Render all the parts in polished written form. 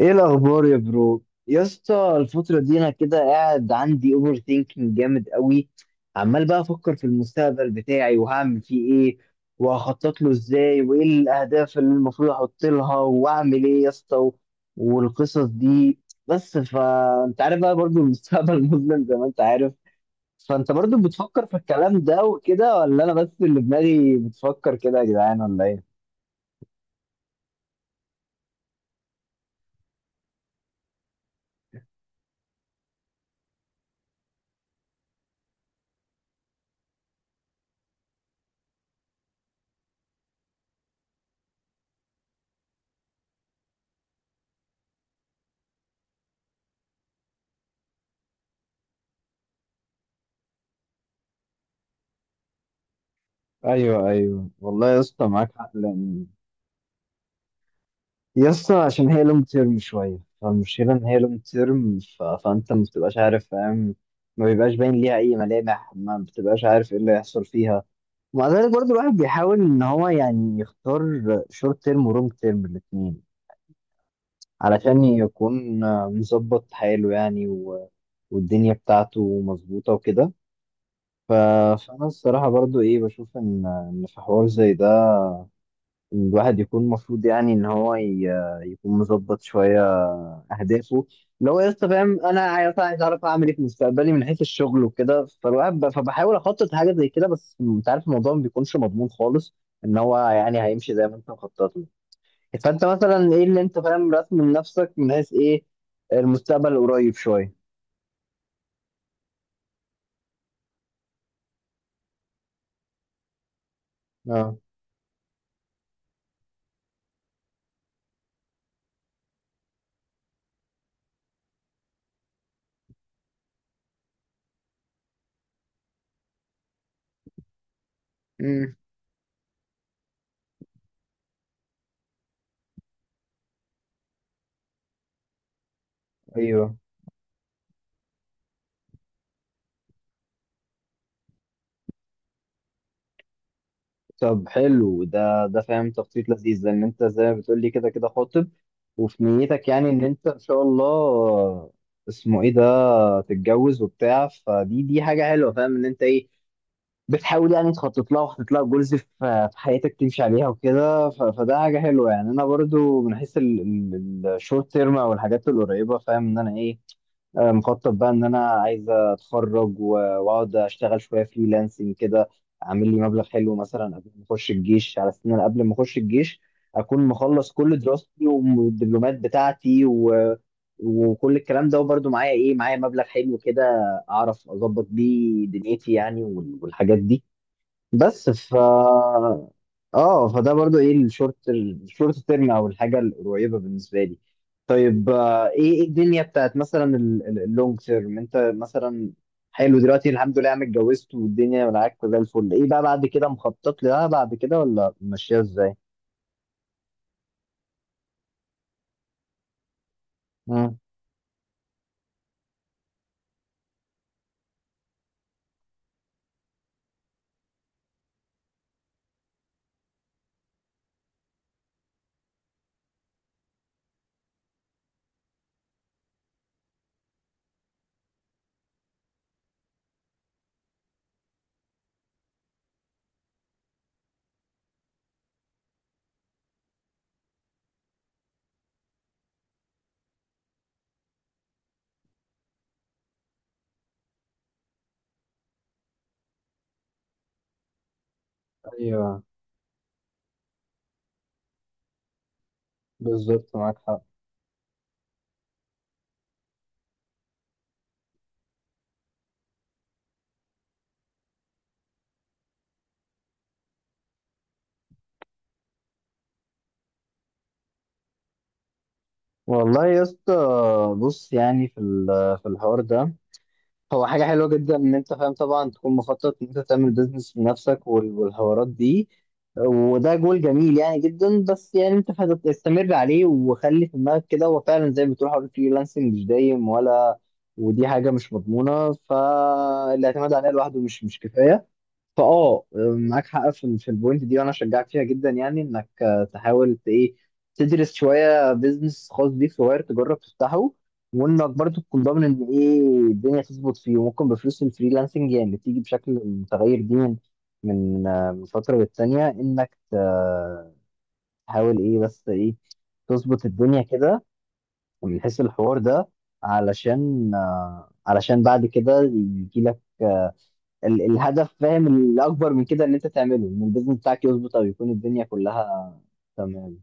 ايه الاخبار يا برو يا اسطى؟ الفتره دي انا كده قاعد عندي اوفر ثينكينج جامد قوي. عمال بقى افكر في المستقبل بتاعي وهعمل فيه ايه، وهخطط له ازاي، وايه الاهداف اللي المفروض احط لها واعمل ايه يا اسطى والقصص دي. بس فانت عارف بقى برضو المستقبل مظلم زي ما انت عارف. فانت برضو بتفكر في الكلام ده وكده، ولا انا بس اللي دماغي بتفكر كده يا جدعان ولا ايه؟ ايوه ايوه والله يا اسطى، معاك حق. لان يا اسطى عشان هي لونج تيرم شويه، فالمشكله ان هي لونج تيرم فانت ما بتبقاش عارف، فاهم؟ ما بيبقاش باين ليها اي ملامح، ما بتبقاش عارف ايه اللي هيحصل فيها. ومع ذلك برضه الواحد بيحاول ان هو يعني يختار شورت تيرم ولونج تيرم الاثنين علشان يكون مظبط حاله يعني والدنيا بتاعته مظبوطه وكده. ف... فانا الصراحه برضه ايه، بشوف ان في حوار زي ده الواحد يكون المفروض يعني ان هو يكون مظبط شويه اهدافه. لو يا اسطى فاهم، انا عايز اعرف اعمل ايه في مستقبلي من حيث الشغل وكده، فالواحد فبحاول اخطط حاجه زي كده. بس انت عارف الموضوع ما بيكونش مضمون خالص ان هو يعني هيمشي زي ما انت مخطط له. فانت مثلا ايه اللي انت فاهم رسم لنفسك من حيث ايه المستقبل القريب شويه؟ اه، امم، ايوه. طب حلو، ده ده فاهم تخطيط لذيذ، لان انت زي ما بتقولي كده كده خاطب وفي نيتك يعني ان انت ان شاء الله اسمه ايه ده، تتجوز وبتاع. فدي دي حاجه حلوه، فاهم ان انت ايه بتحاول يعني تخطط لها وحاطط لها جولز في في حياتك تمشي عليها وكده. فده حاجه حلوه. يعني انا برضو من حيث الشورت تيرم او الحاجات القريبه، فاهم ان انا ايه، آه، مخطط بقى ان انا عايز اتخرج واقعد اشتغل شويه فريلانسنج كده، اعمل لي مبلغ حلو مثلا قبل ما اخش الجيش. على سنة أنا قبل ما اخش الجيش اكون مخلص كل دراستي والدبلومات بتاعتي وكل الكلام ده، وبرده معايا ايه، معايا مبلغ حلو كده اعرف اظبط بيه دنيتي يعني، والحاجات دي. بس ف، اه، فده برضو ايه الشورت تيرم او الحاجه القريبه بالنسبه لي. طيب آه، ايه ايه الدنيا بتاعت مثلا اللونج تيرم انت مثلا؟ حلو دلوقتي الحمد لله عم اتجوزت والدنيا معاك زي الفل، ايه بقى بعد كده مخطط لها بعد كده، ولا ماشيه ازاي؟ مم. ايوه، بالظبط معاك حق. والله يا اسطى، بص، يعني في في الحوار ده هو حاجة حلوة جدا إن أنت فاهم طبعا تكون مخطط إن أنت تعمل بيزنس لنفسك والحوارات دي، وده جول جميل يعني جدا. بس يعني أنت استمر عليه وخلي في دماغك كده، هو فعلا زي ما بتقول حوار الفريلانسنج مش دايم ولا، ودي حاجة مش مضمونة، فالاعتماد عليها لوحده مش كفاية، فاه، معاك حق في في البوينت دي، وانا اشجعك فيها جدا. يعني انك آه، تحاول ايه، تدرس شويه بيزنس خاص بيك صغير، تجرب تفتحه. وانك برضو تكون ضامن ان ايه الدنيا تظبط فيه، وممكن بفلوس الفريلانسنج يعني اللي بتيجي بشكل متغير دي من من آه، من فتره للتانيه انك تحاول ايه بس ايه تظبط الدنيا كده من حيث الحوار ده، علشان آه، علشان بعد كده يجي لك الهدف، فاهم الاكبر من كده، ان انت تعمله، ان البيزنس بتاعك يظبط او يكون الدنيا كلها تمام.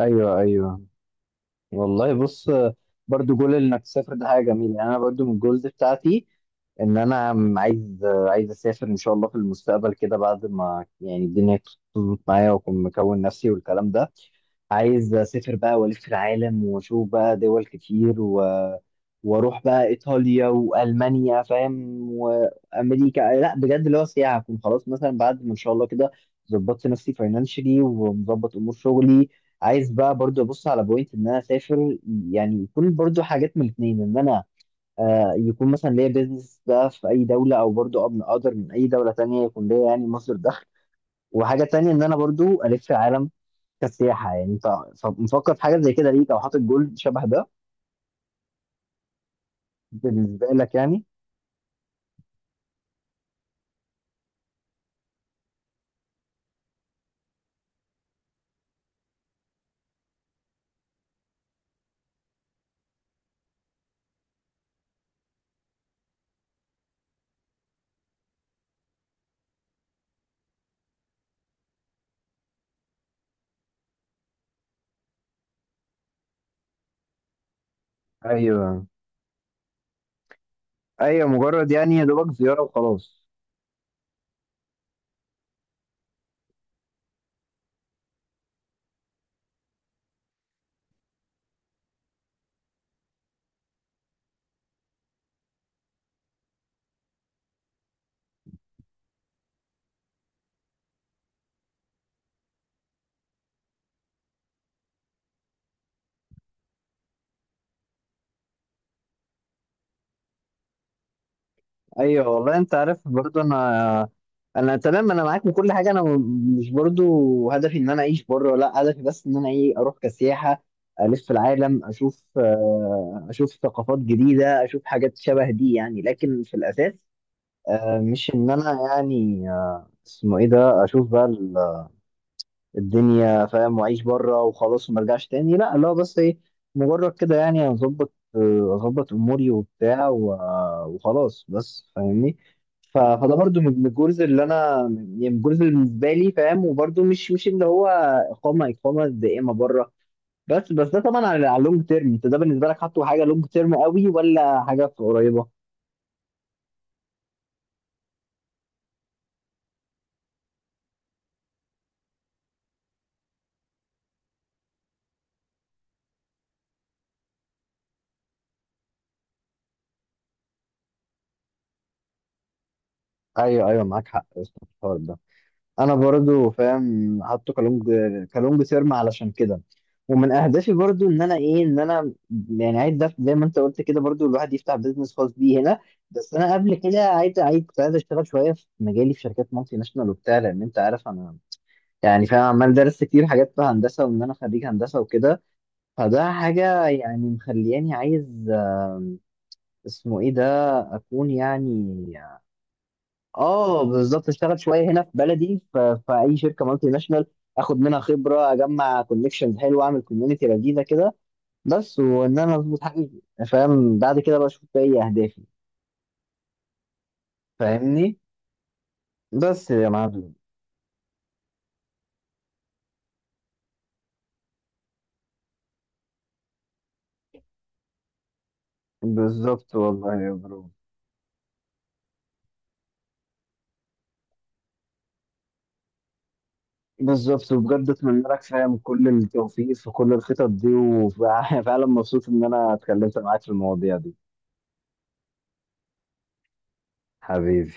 ايوه ايوه والله، بص، برضو جول انك تسافر ده حاجه جميله. يعني انا برضو من الجولز بتاعتي ان انا عايز اسافر ان شاء الله في المستقبل كده، بعد ما يعني الدنيا تظبط معايا واكون مكون نفسي والكلام ده. عايز اسافر بقى والف العالم واشوف بقى دول كتير واروح بقى ايطاليا والمانيا فاهم، وامريكا، لا بجد اللي هو سياحه، اكون خلاص مثلا بعد ما ان شاء الله كده ظبطت نفسي فاينانشلي ومظبط امور شغلي، عايز بقى برضو ابص على بوينت ان انا اسافر. يعني يكون برضو حاجات من الاثنين، ان انا آه يكون مثلا ليا بيزنس بقى في اي دوله، او برضو ابن اقدر من اي دوله تانية يكون ليا يعني مصدر دخل، وحاجه تانية ان انا برضو الف العالم كسياحة. يعني انت مفكر في حاجة زي كده ليك، او حاطط جول شبه ده بالنسبة لك يعني؟ ايوه ايوه، مجرد يعني يا دوبك زياره وخلاص. ايوه والله، انت عارف برضو انا، انا تمام، انا معاك من كل حاجه. انا مش برضو هدفي ان انا اعيش بره، لا هدفي بس ان انا ايه اروح كسياحه، الف العالم اشوف آه، اشوف ثقافات جديده، اشوف حاجات شبه دي يعني. لكن في الاساس آه، مش ان انا يعني آه، اسمه ايه ده، اشوف بقى الدنيا فاهم واعيش بره وخلاص وما ارجعش تاني، لا لا، بس ايه مجرد كده يعني اظبط اموري وبتاع وخلاص بس، فاهمني؟ فده برضو من من الجولز اللي انا، يعني من الجولز اللي بالنسبه لي، فاهم، وبرضو مش اللي هو اقامه دائمه بره. بس بس ده طبعا على على لونج تيرم. انت ده بالنسبه لك حاطه حاجه لونج تيرم قوي، ولا حاجه قريبه؟ ايوه ايوه معاك حق يا أسطى في الحوار ده. انا برضو فاهم حاطه كالونج كالونج سيرما علشان كده. ومن اهدافي برضو ان انا ايه، ان انا يعني عايز ده زي ما انت قلت كده، برضو الواحد يفتح بيزنس خاص بيه هنا. بس انا قبل كده عايز كنت عايز اشتغل شويه في مجالي في شركات مالتي ناشونال وبتاع، لان انت عارف انا يعني فاهم عمال درست كتير حاجات في هندسه وان انا خريج هندسه وكده. فده حاجه يعني مخلياني عايز آم، اسمه ايه ده، اكون يعني، اه بالظبط، اشتغل شويه هنا في بلدي في اي شركه مالتي ناشونال اخد منها خبره، اجمع كونكشنز حلوه، اعمل كوميونتي لذيذه كده بس، وان انا اظبط حاجتي، فاهم، بعد كده بقى اشوف بقى ايه اهدافي، فاهمني؟ بس يا معلم. بالظبط والله يا برو. بالظبط وبجد اتمنى لك فاهم كل التوفيق في كل الخطط دي، وفعلا مبسوط ان انا اتكلمت معاك في المواضيع دي. حبيبي.